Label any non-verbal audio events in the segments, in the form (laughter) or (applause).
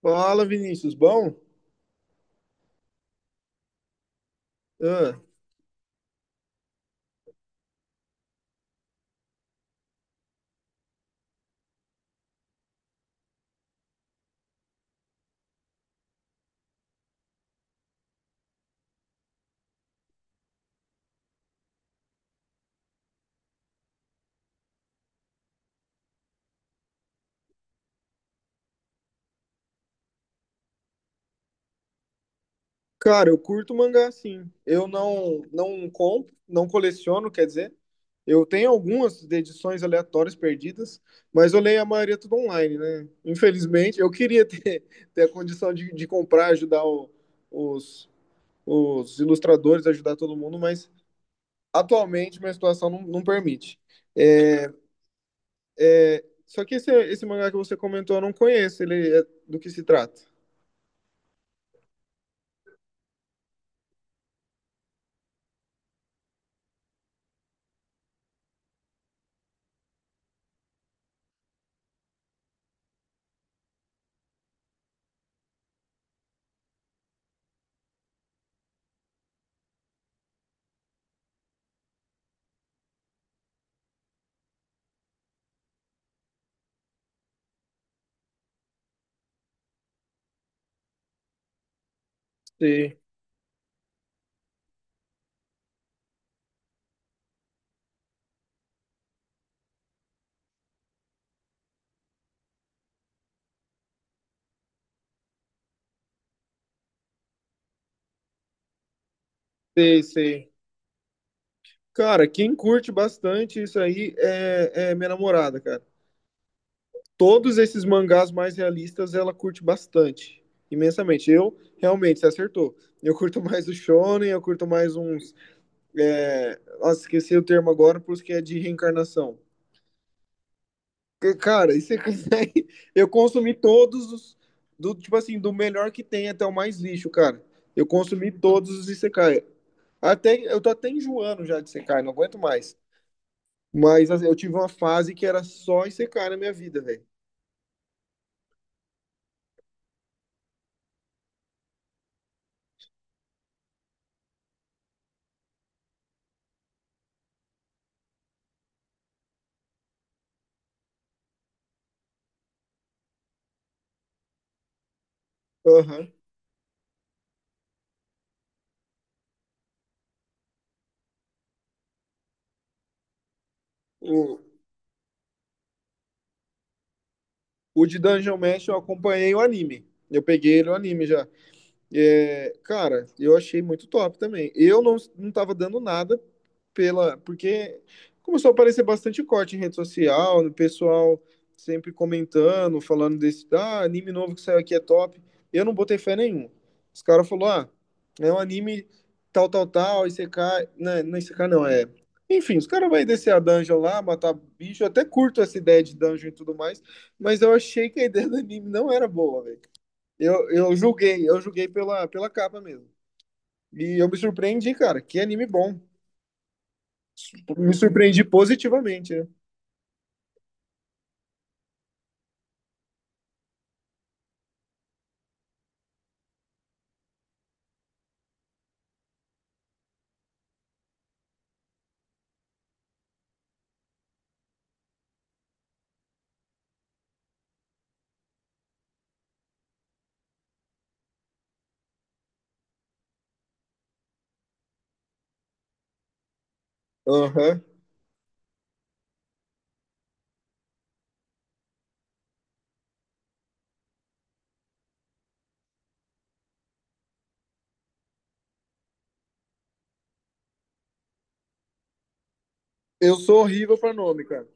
Fala, Vinícius, bom? Ah, Cara, eu curto mangá sim. Eu não compro, não coleciono, quer dizer, eu tenho algumas de edições aleatórias perdidas, mas eu leio a maioria tudo online, né? Infelizmente, eu queria ter, (laughs) ter a condição de comprar, ajudar o- os, os ilustradores, ajudar todo mundo, mas atualmente minha situação não permite. É, só que esse mangá que você comentou eu não conheço, ele é, do que se trata? Sei, Sei. Cara, quem curte bastante isso aí é minha namorada, cara. Todos esses mangás mais realistas ela curte bastante, imensamente. Eu, realmente, você acertou. Eu curto mais o Shonen, eu curto mais uns. Nossa, esqueci o termo agora, por isso que é de reencarnação. Que, cara, e você (laughs) consegue. Eu consumi todos os. Do, tipo assim, do melhor que tem até o mais lixo, cara. Eu consumi todos os Isekai. Até, eu tô até enjoando já de Isekai, não aguento mais. Mas assim, eu tive uma fase que era só ICK na minha vida, velho. Aham. O, o de Dungeon Mesh eu acompanhei o anime. Eu peguei ele o anime já. É, cara, eu achei muito top também. Eu não, Não tava dando nada pela. Porque começou a aparecer bastante corte em rede social, no pessoal sempre comentando, falando desse. Ah, anime novo que saiu aqui é top. Eu não botei fé nenhuma. Os caras falaram, ah, é um anime tal, tal, tal, ICK. Não é ICK, não, é. Enfim, os caras vão descer a dungeon lá, matar bicho. Eu até curto essa ideia de dungeon e tudo mais, mas eu achei que a ideia do anime não era boa, velho. Eu julguei pela, pela capa mesmo. E eu me surpreendi, cara. Que anime bom. Me surpreendi positivamente, né? Aham. Eu sou horrível pra nome, cara.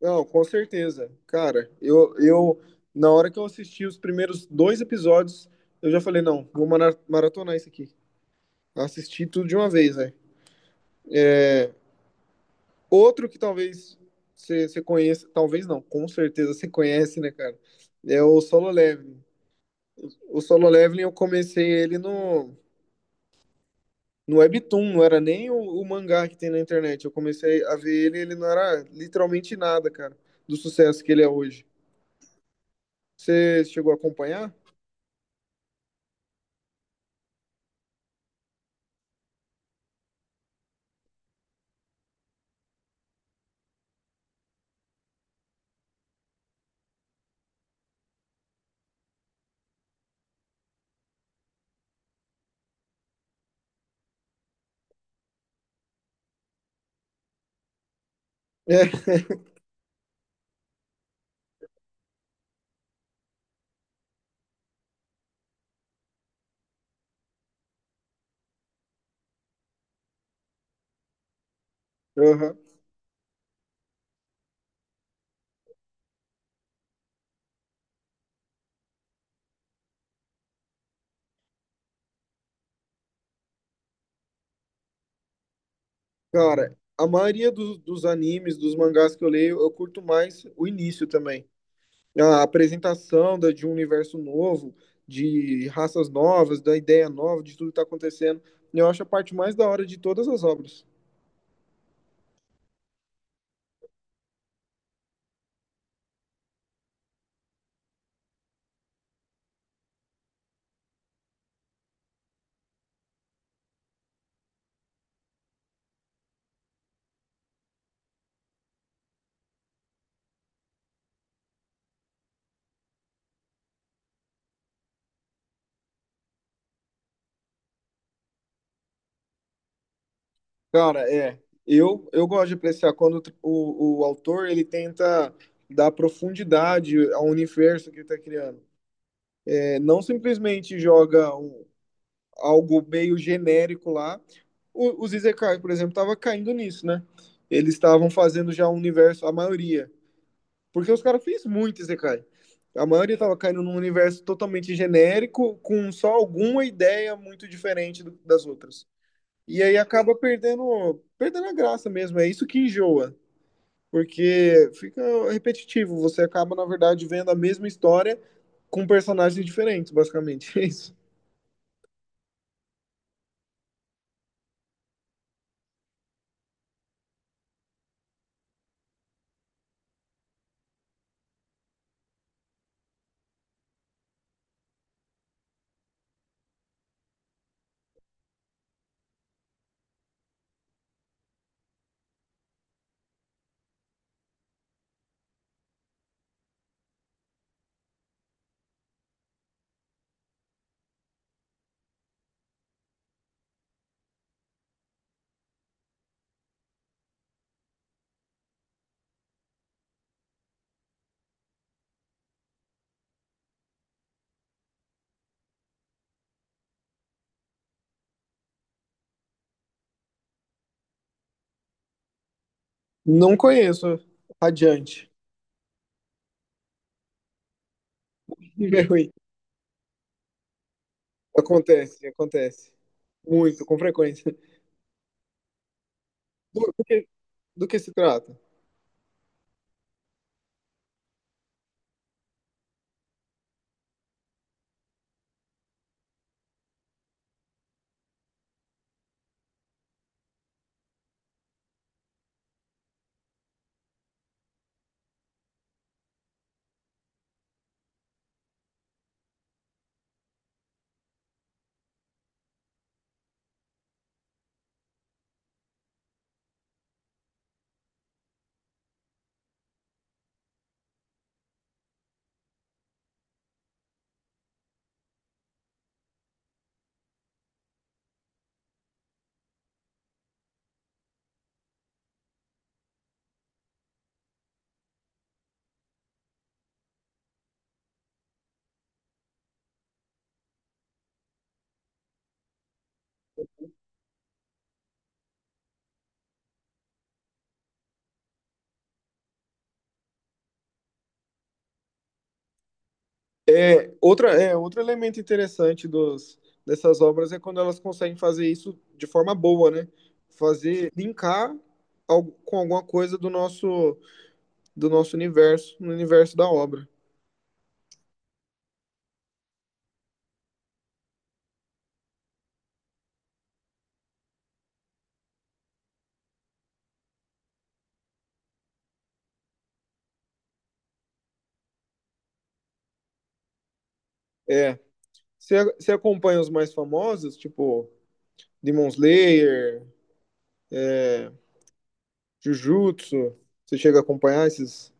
Não, com certeza. Cara, na hora que eu assisti os primeiros dois episódios, eu já falei, não, vou mara- maratonar isso aqui. Assisti tudo de uma vez, velho. Outro que talvez você conheça, talvez não, com certeza você conhece, né, cara? É o Solo Leveling. O Solo Leveling eu comecei ele no Webtoon, não era nem o mangá que tem na internet. Eu comecei a ver ele, ele não era literalmente nada, cara, do sucesso que ele é hoje. Você chegou a acompanhar? É, (laughs) aham. Cara, a maioria dos, dos animes, dos mangás que eu leio, eu curto mais o início também. A apresentação da, de um universo novo, de raças novas, da ideia nova, de tudo que tá acontecendo. Eu acho a parte mais da hora de todas as obras. Cara, é. Eu gosto de apreciar quando o, tr- o autor ele tenta dar profundidade ao universo que ele está criando. É, não simplesmente joga um- algo meio genérico lá. O, os Izekai, por exemplo, tava caindo nisso, né? Eles estavam fazendo já um universo, a maioria. Porque os caras fez muito Izekai. A maioria tava caindo num universo totalmente genérico, com só alguma ideia muito diferente do- das outras. E aí acaba perdendo, perdendo a graça mesmo. É isso que enjoa, porque fica repetitivo. Você acaba, na verdade, vendo a mesma história com personagens diferentes, basicamente. (laughs) É isso. Não conheço. Adiante. (laughs) É ruim. Acontece, acontece. Muito, com frequência. Do, do que, do que se trata? É, outra, é, outro elemento interessante dos, dessas obras é quando elas conseguem fazer isso de forma boa, né? Fazer, linkar al- com alguma coisa do nosso universo, no universo da obra. É. Você acompanha os mais famosos, tipo Demon Slayer, é, Jujutsu? Você chega a acompanhar esses?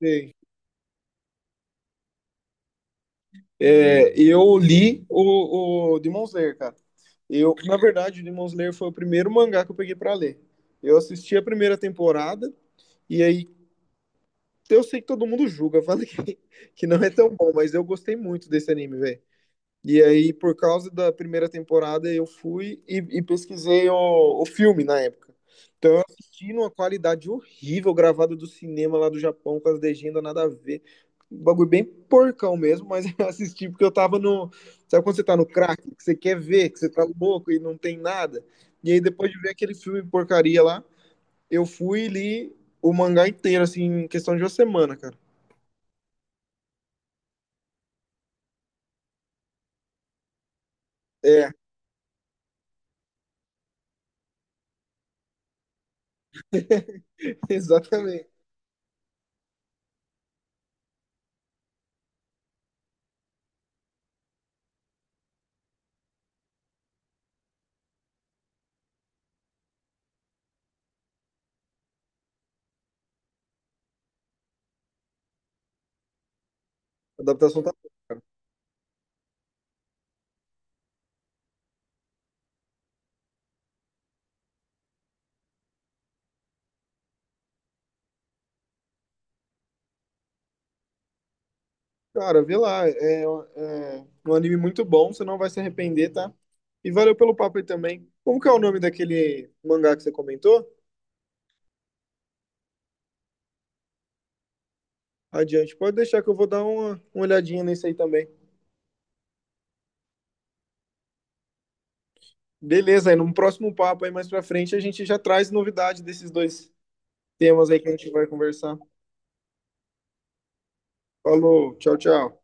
Sei. É, eu li o Demon Slayer, cara. Eu, na verdade, o Demon Slayer foi o primeiro mangá que eu peguei pra ler. Eu assisti a primeira temporada e aí eu sei que todo mundo julga, (laughs) fala que não é tão bom, mas eu gostei muito desse anime, velho. E aí, por causa da primeira temporada, eu fui e pesquisei o filme na época. Então, eu assisti numa qualidade horrível, gravada do cinema lá do Japão, com as legendas nada a ver. Um bagulho bem porcão mesmo, mas (laughs) eu assisti porque eu tava no. Sabe quando você tá no crack, que você quer ver, que você tá louco e não tem nada? E aí, depois de ver aquele filme porcaria lá, eu fui e li o mangá inteiro, assim, em questão de uma semana, cara. É, (laughs) exatamente. A adaptação tá boa. Cara, vê lá. É é um anime muito bom, você não vai se arrepender, tá? E valeu pelo papo aí também. Como que é o nome daquele mangá que você comentou? Adiante, pode deixar que eu vou dar uma olhadinha nesse aí também. Beleza, aí no próximo papo aí mais pra frente a gente já traz novidade desses dois temas aí que a gente vai conversar. Falou, tchau, tchau.